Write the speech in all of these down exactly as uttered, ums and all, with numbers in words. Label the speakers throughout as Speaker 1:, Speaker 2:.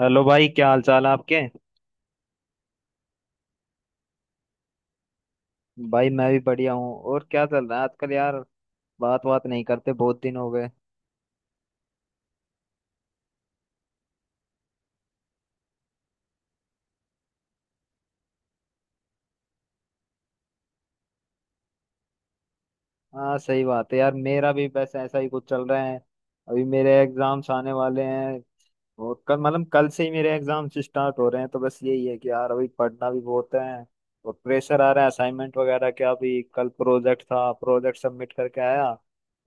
Speaker 1: Hello भाई, क्या हाल चाल है आपके। भाई मैं भी बढ़िया हूँ। और क्या चल रहा है आजकल यार। बात बात नहीं करते, बहुत दिन हो गए। हाँ सही बात है यार, मेरा भी बस ऐसा ही कुछ चल रहा है। अभी मेरे एग्जाम्स आने वाले हैं। और कल, मतलब कल से ही मेरे एग्जाम्स स्टार्ट हो रहे हैं, तो बस यही है कि यार अभी पढ़ना भी बहुत है। और प्रेशर आ रहा है असाइनमेंट वगैरह का। अभी कल प्रोजेक्ट था, प्रोजेक्ट सबमिट करके आया।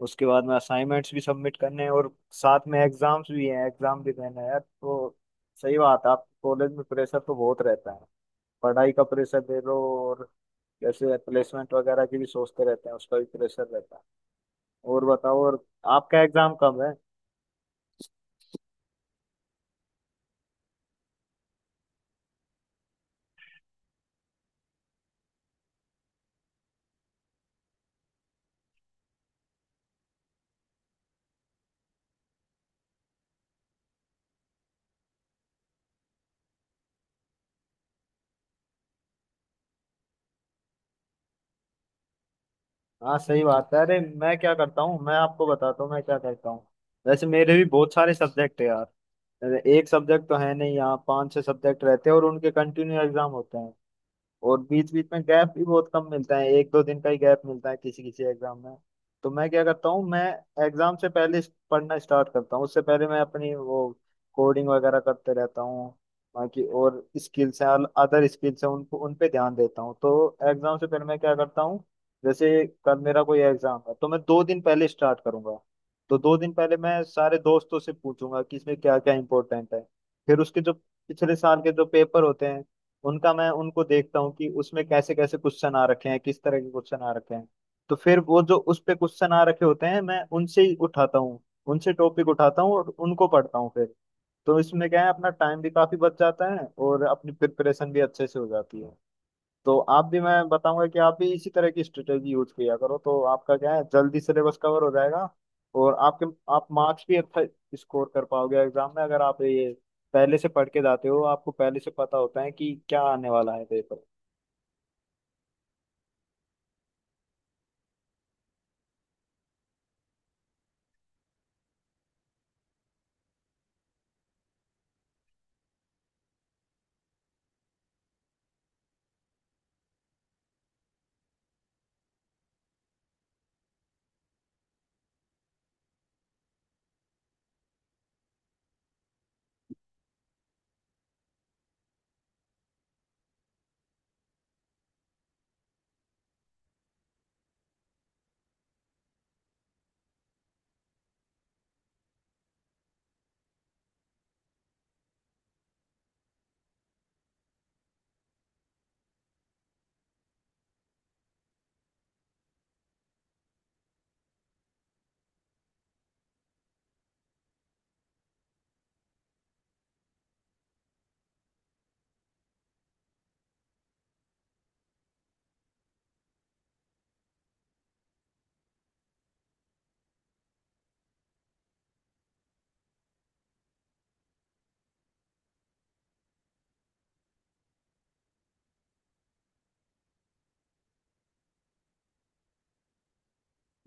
Speaker 1: उसके बाद में असाइनमेंट्स भी सबमिट करने हैं, और साथ में एग्जाम्स भी हैं, एग्जाम भी देना है यार। तो सही बात है, आप कॉलेज में प्रेशर तो बहुत रहता है। पढ़ाई का प्रेशर दे लो। और जैसे प्लेसमेंट वगैरह की भी सोचते रहते हैं, उसका भी प्रेशर रहता है। और बताओ और। आपका एग्जाम कब है। हाँ सही बात है। अरे मैं क्या करता हूँ, मैं आपको बताता हूँ मैं क्या करता हूँ। वैसे मेरे भी बहुत सारे सब्जेक्ट है यार। एक सब्जेक्ट तो है नहीं, यहाँ पांच छह सब्जेक्ट रहते हैं और उनके कंटिन्यू एग्जाम होते हैं। और बीच बीच में गैप भी बहुत कम मिलता है, एक दो दिन का ही गैप मिलता है किसी किसी एग्जाम में। तो मैं क्या करता हूँ, मैं एग्जाम से पहले स- पढ़ना स्टार्ट करता हूँ। उससे पहले मैं अपनी वो कोडिंग वगैरह करते रहता हूँ। बाकी और स्किल्स हैं, अदर स्किल्स हैं, उनको उन पे ध्यान देता हूँ। तो एग्जाम से पहले मैं क्या करता हूँ, जैसे कल मेरा कोई एग्जाम है तो मैं दो दिन पहले स्टार्ट करूंगा। तो दो दिन पहले मैं सारे दोस्तों से पूछूंगा कि इसमें क्या क्या इंपॉर्टेंट है। फिर उसके जो पिछले साल के जो पेपर होते हैं, उनका मैं उनको देखता हूँ कि उसमें कैसे कैसे क्वेश्चन आ रखे हैं, किस तरह के क्वेश्चन आ रखे हैं। तो फिर वो जो उस पे क्वेश्चन आ रखे होते हैं, मैं उनसे ही उठाता हूँ, उनसे टॉपिक उठाता हूँ और उनको पढ़ता हूँ फिर। तो इसमें क्या है, अपना टाइम भी काफी बच जाता है और अपनी प्रिपरेशन भी अच्छे से हो जाती है। तो आप भी, मैं बताऊंगा कि आप भी इसी तरह की स्ट्रेटेजी यूज किया करो, तो आपका क्या है, जल्दी सिलेबस कवर हो जाएगा। और आपके, आप मार्क्स भी अच्छा स्कोर कर पाओगे एग्जाम में, अगर आप ये पहले से पढ़ के जाते हो, आपको पहले से पता होता है कि क्या आने वाला है पेपर।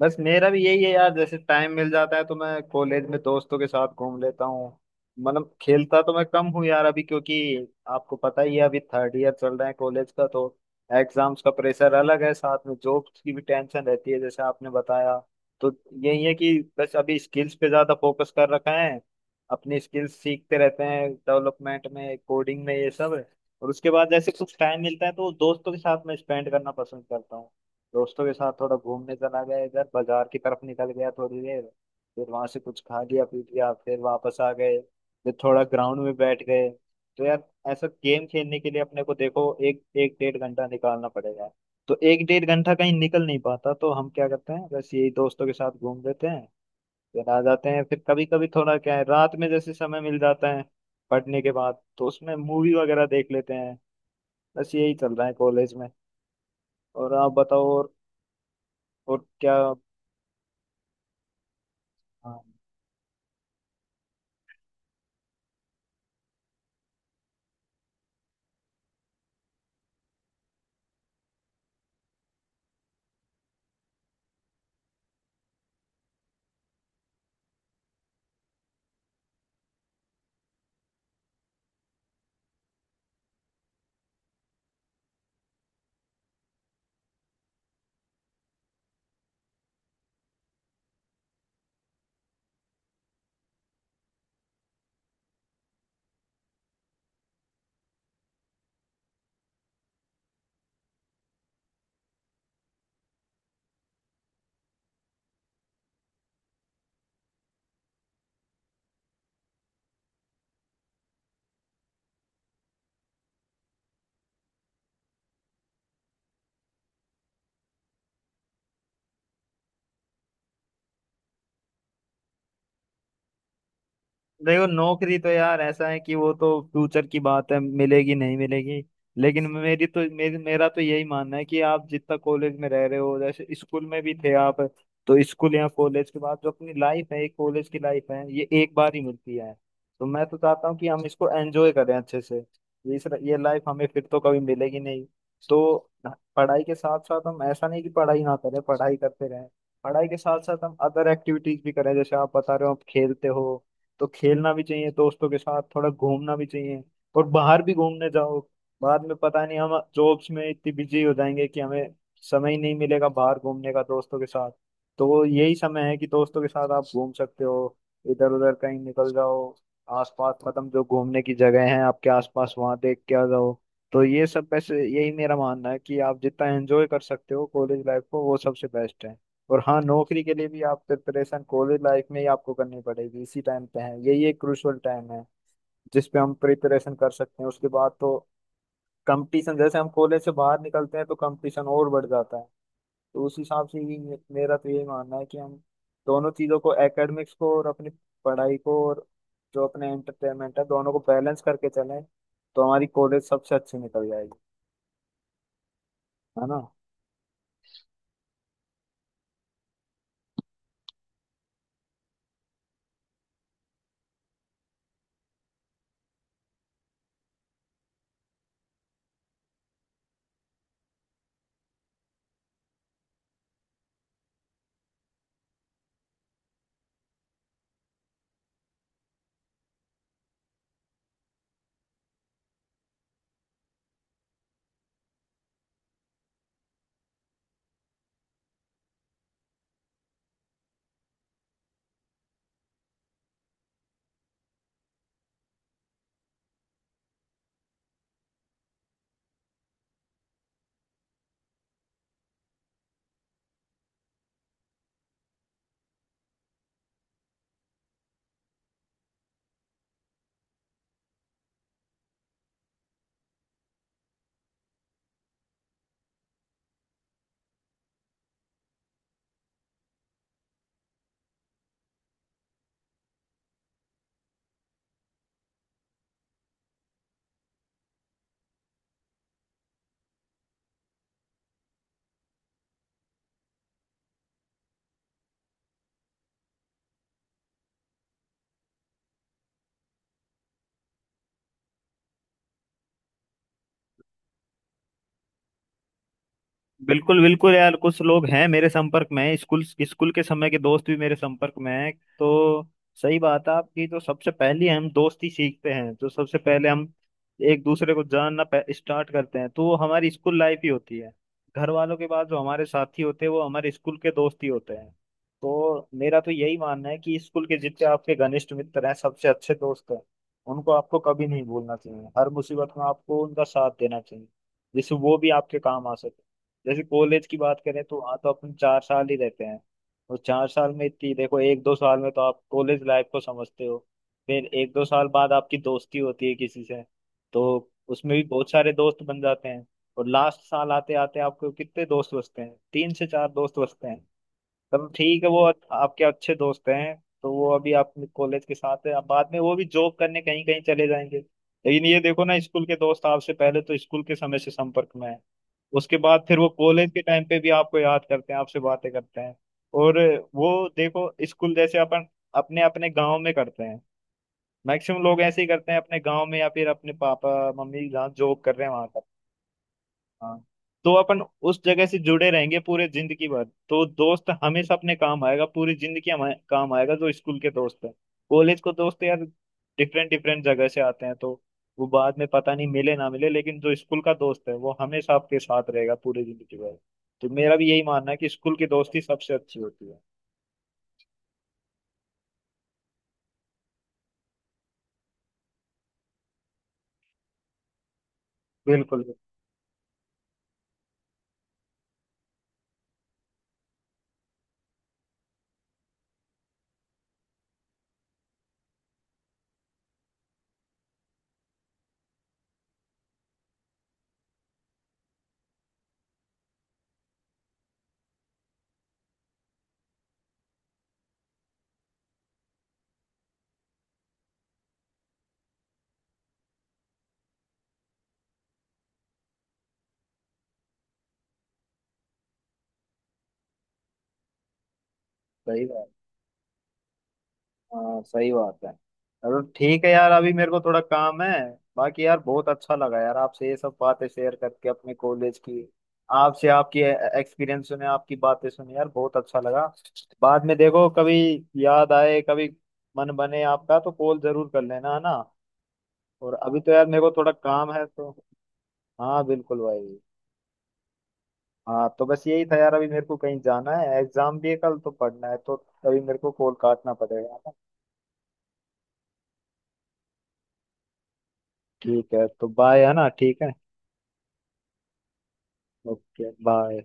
Speaker 1: बस मेरा भी यही है यार, जैसे टाइम मिल जाता है तो मैं कॉलेज में दोस्तों के साथ घूम लेता हूँ। मतलब खेलता तो मैं कम हूँ यार अभी, क्योंकि आपको पता ही है अभी थर्ड ईयर चल रहा है कॉलेज का, तो एग्जाम्स का प्रेशर अलग है, साथ में जॉब की भी टेंशन रहती है जैसे आपने बताया। तो यही है कि बस अभी स्किल्स पे ज्यादा फोकस कर रखा है। अपनी स्किल्स सीखते रहते हैं, डेवलपमेंट में, कोडिंग में, ये सब। और उसके बाद जैसे कुछ टाइम मिलता है तो दोस्तों के साथ मैं स्पेंड करना पसंद करता हूँ। दोस्तों के साथ थोड़ा घूमने चला गया, इधर बाजार की तरफ निकल गया थोड़ी देर। फिर वहां से कुछ खा लिया पी लिया, फिर वापस आ गए। फिर थोड़ा ग्राउंड में बैठ गए। तो यार ऐसा गेम खेलने के लिए अपने को देखो एक एक डेढ़ घंटा निकालना पड़ेगा। तो एक डेढ़ घंटा कहीं निकल नहीं पाता, तो हम क्या करते हैं, बस यही दोस्तों के साथ घूम लेते हैं, फिर आ जाते हैं। फिर कभी कभी थोड़ा क्या है, रात में जैसे समय मिल जाता है पढ़ने के बाद तो उसमें मूवी वगैरह देख लेते हैं। बस यही चल रहा है कॉलेज में। और आप बताओ और, और क्या। हाँ देखो नौकरी तो यार ऐसा है कि वो तो फ्यूचर की बात है, मिलेगी नहीं मिलेगी। लेकिन मेरी तो मेरी मेरा तो यही मानना है कि आप जितना कॉलेज में रह रहे हो, जैसे स्कूल में भी थे आप, तो स्कूल या कॉलेज के बाद जो अपनी लाइफ है, कॉलेज की लाइफ है, ये एक बार ही मिलती है। तो मैं तो चाहता हूँ कि हम इसको एंजॉय करें अच्छे से। ये इस ये लाइफ हमें फिर तो कभी मिलेगी नहीं। तो पढ़ाई के साथ साथ हम ऐसा नहीं कि पढ़ाई ना करें, पढ़ाई करते रहें। पढ़ाई के साथ साथ हम अदर एक्टिविटीज भी करें, जैसे आप बता रहे हो आप खेलते हो। तो खेलना भी चाहिए, दोस्तों के साथ थोड़ा घूमना भी चाहिए। और बाहर भी घूमने जाओ। बाद में पता नहीं हम जॉब्स में इतनी बिजी हो जाएंगे कि हमें समय ही नहीं मिलेगा बाहर घूमने का दोस्तों के साथ। तो वो यही समय है कि दोस्तों के साथ आप घूम सकते हो, इधर उधर कहीं निकल जाओ, आसपास, मतलब जो घूमने की जगह है आपके आसपास, वहां देख के आ जाओ। तो ये सब, वैसे यही मेरा मानना है कि आप जितना एंजॉय कर सकते हो कॉलेज लाइफ को, वो सबसे बेस्ट है। और हाँ, नौकरी के लिए भी आप प्रिपरेशन कॉलेज लाइफ में ही आपको करनी पड़ेगी, इसी टाइम पे है, यही एक क्रूशियल टाइम है जिस पे हम प्रिपरेशन कर सकते हैं। उसके बाद तो कंपटीशन, जैसे हम कॉलेज से बाहर निकलते हैं तो कंपटीशन और बढ़ जाता है। तो उस हिसाब से ही मे- मेरा तो यही मानना है कि हम दोनों चीज़ों को, एकेडमिक्स को और अपनी पढ़ाई को, और जो अपने एंटरटेनमेंट है, दोनों को बैलेंस करके चलें, तो हमारी कॉलेज सबसे अच्छी निकल जाएगी। है ना। बिल्कुल बिल्कुल यार, कुछ लोग हैं मेरे संपर्क में, स्कूल स्कूल के समय के दोस्त भी मेरे संपर्क में हैं। तो सही बात है आपकी, तो सबसे पहले हम दोस्ती सीखते हैं तो सबसे पहले हम एक दूसरे को जानना स्टार्ट करते हैं, तो वो हमारी स्कूल लाइफ ही होती है। घर वालों के बाद जो हमारे साथी होते हैं वो हमारे स्कूल के दोस्त ही होते हैं। तो मेरा तो यही मानना है कि स्कूल के जितने आपके घनिष्ठ मित्र हैं, सबसे अच्छे दोस्त हैं, उनको आपको कभी नहीं भूलना चाहिए। हर मुसीबत में आपको उनका साथ देना चाहिए, जिससे वो भी आपके काम आ सके। जैसे कॉलेज की बात करें तो वहाँ तो अपन चार साल ही रहते हैं, और चार साल में इतनी, देखो एक दो साल में तो आप कॉलेज लाइफ को समझते हो, फिर एक दो साल बाद आपकी दोस्ती होती है किसी से, तो उसमें भी बहुत सारे दोस्त बन जाते हैं। और लास्ट साल आते आते आपको कितने दोस्त बचते हैं, तीन से चार दोस्त बचते हैं, तब ठीक है, वो आपके अच्छे दोस्त हैं। तो वो अभी आप कॉलेज के साथ है, अब बाद में वो भी जॉब करने कहीं कहीं चले जाएंगे, लेकिन ये देखो ना, स्कूल के दोस्त आपसे पहले तो स्कूल के समय से संपर्क में है, उसके बाद फिर वो कॉलेज के टाइम पे भी आपको याद करते हैं, आपसे बातें करते हैं। और वो, देखो स्कूल जैसे अपन अपने अपने गांव में करते हैं, मैक्सिमम लोग ऐसे ही करते हैं अपने गांव में, या फिर अपने पापा मम्मी जहाँ जॉब कर रहे हैं वहां। हाँ। तो अपन उस जगह से जुड़े रहेंगे पूरे जिंदगी भर, तो दोस्त हमेशा अपने काम आएगा, पूरी जिंदगी हमारे काम आएगा, जो स्कूल के दोस्त है। कॉलेज को दोस्त यार डिफरेंट डिफरेंट जगह से आते हैं, तो वो बाद में पता नहीं मिले ना मिले, लेकिन जो स्कूल का दोस्त है वो हमेशा आपके साथ रहेगा पूरी जिंदगी भर। तो मेरा भी यही मानना है कि स्कूल की दोस्ती सबसे अच्छी होती है। बिल्कुल सही बात। हाँ सही बात है। चलो ठीक है यार, अभी मेरे को थोड़ा काम है। बाकी यार बहुत अच्छा लगा यार आपसे ये सब बातें शेयर करके, अपने कॉलेज की, आपसे, आपकी एक्सपीरियंस सुने, आपकी बातें सुने, यार बहुत अच्छा लगा। बाद में देखो कभी याद आए, कभी मन बने आपका तो कॉल जरूर कर लेना, है ना। और अभी तो यार मेरे को थोड़ा काम है तो। हाँ बिल्कुल भाई। हाँ तो बस यही था यार, अभी मेरे को कहीं जाना है, एग्जाम भी है कल तो पढ़ना है, तो अभी मेरे को कॉल काटना पड़ेगा, है ना। ठीक है तो बाय, है ना, ठीक है। Okay bye.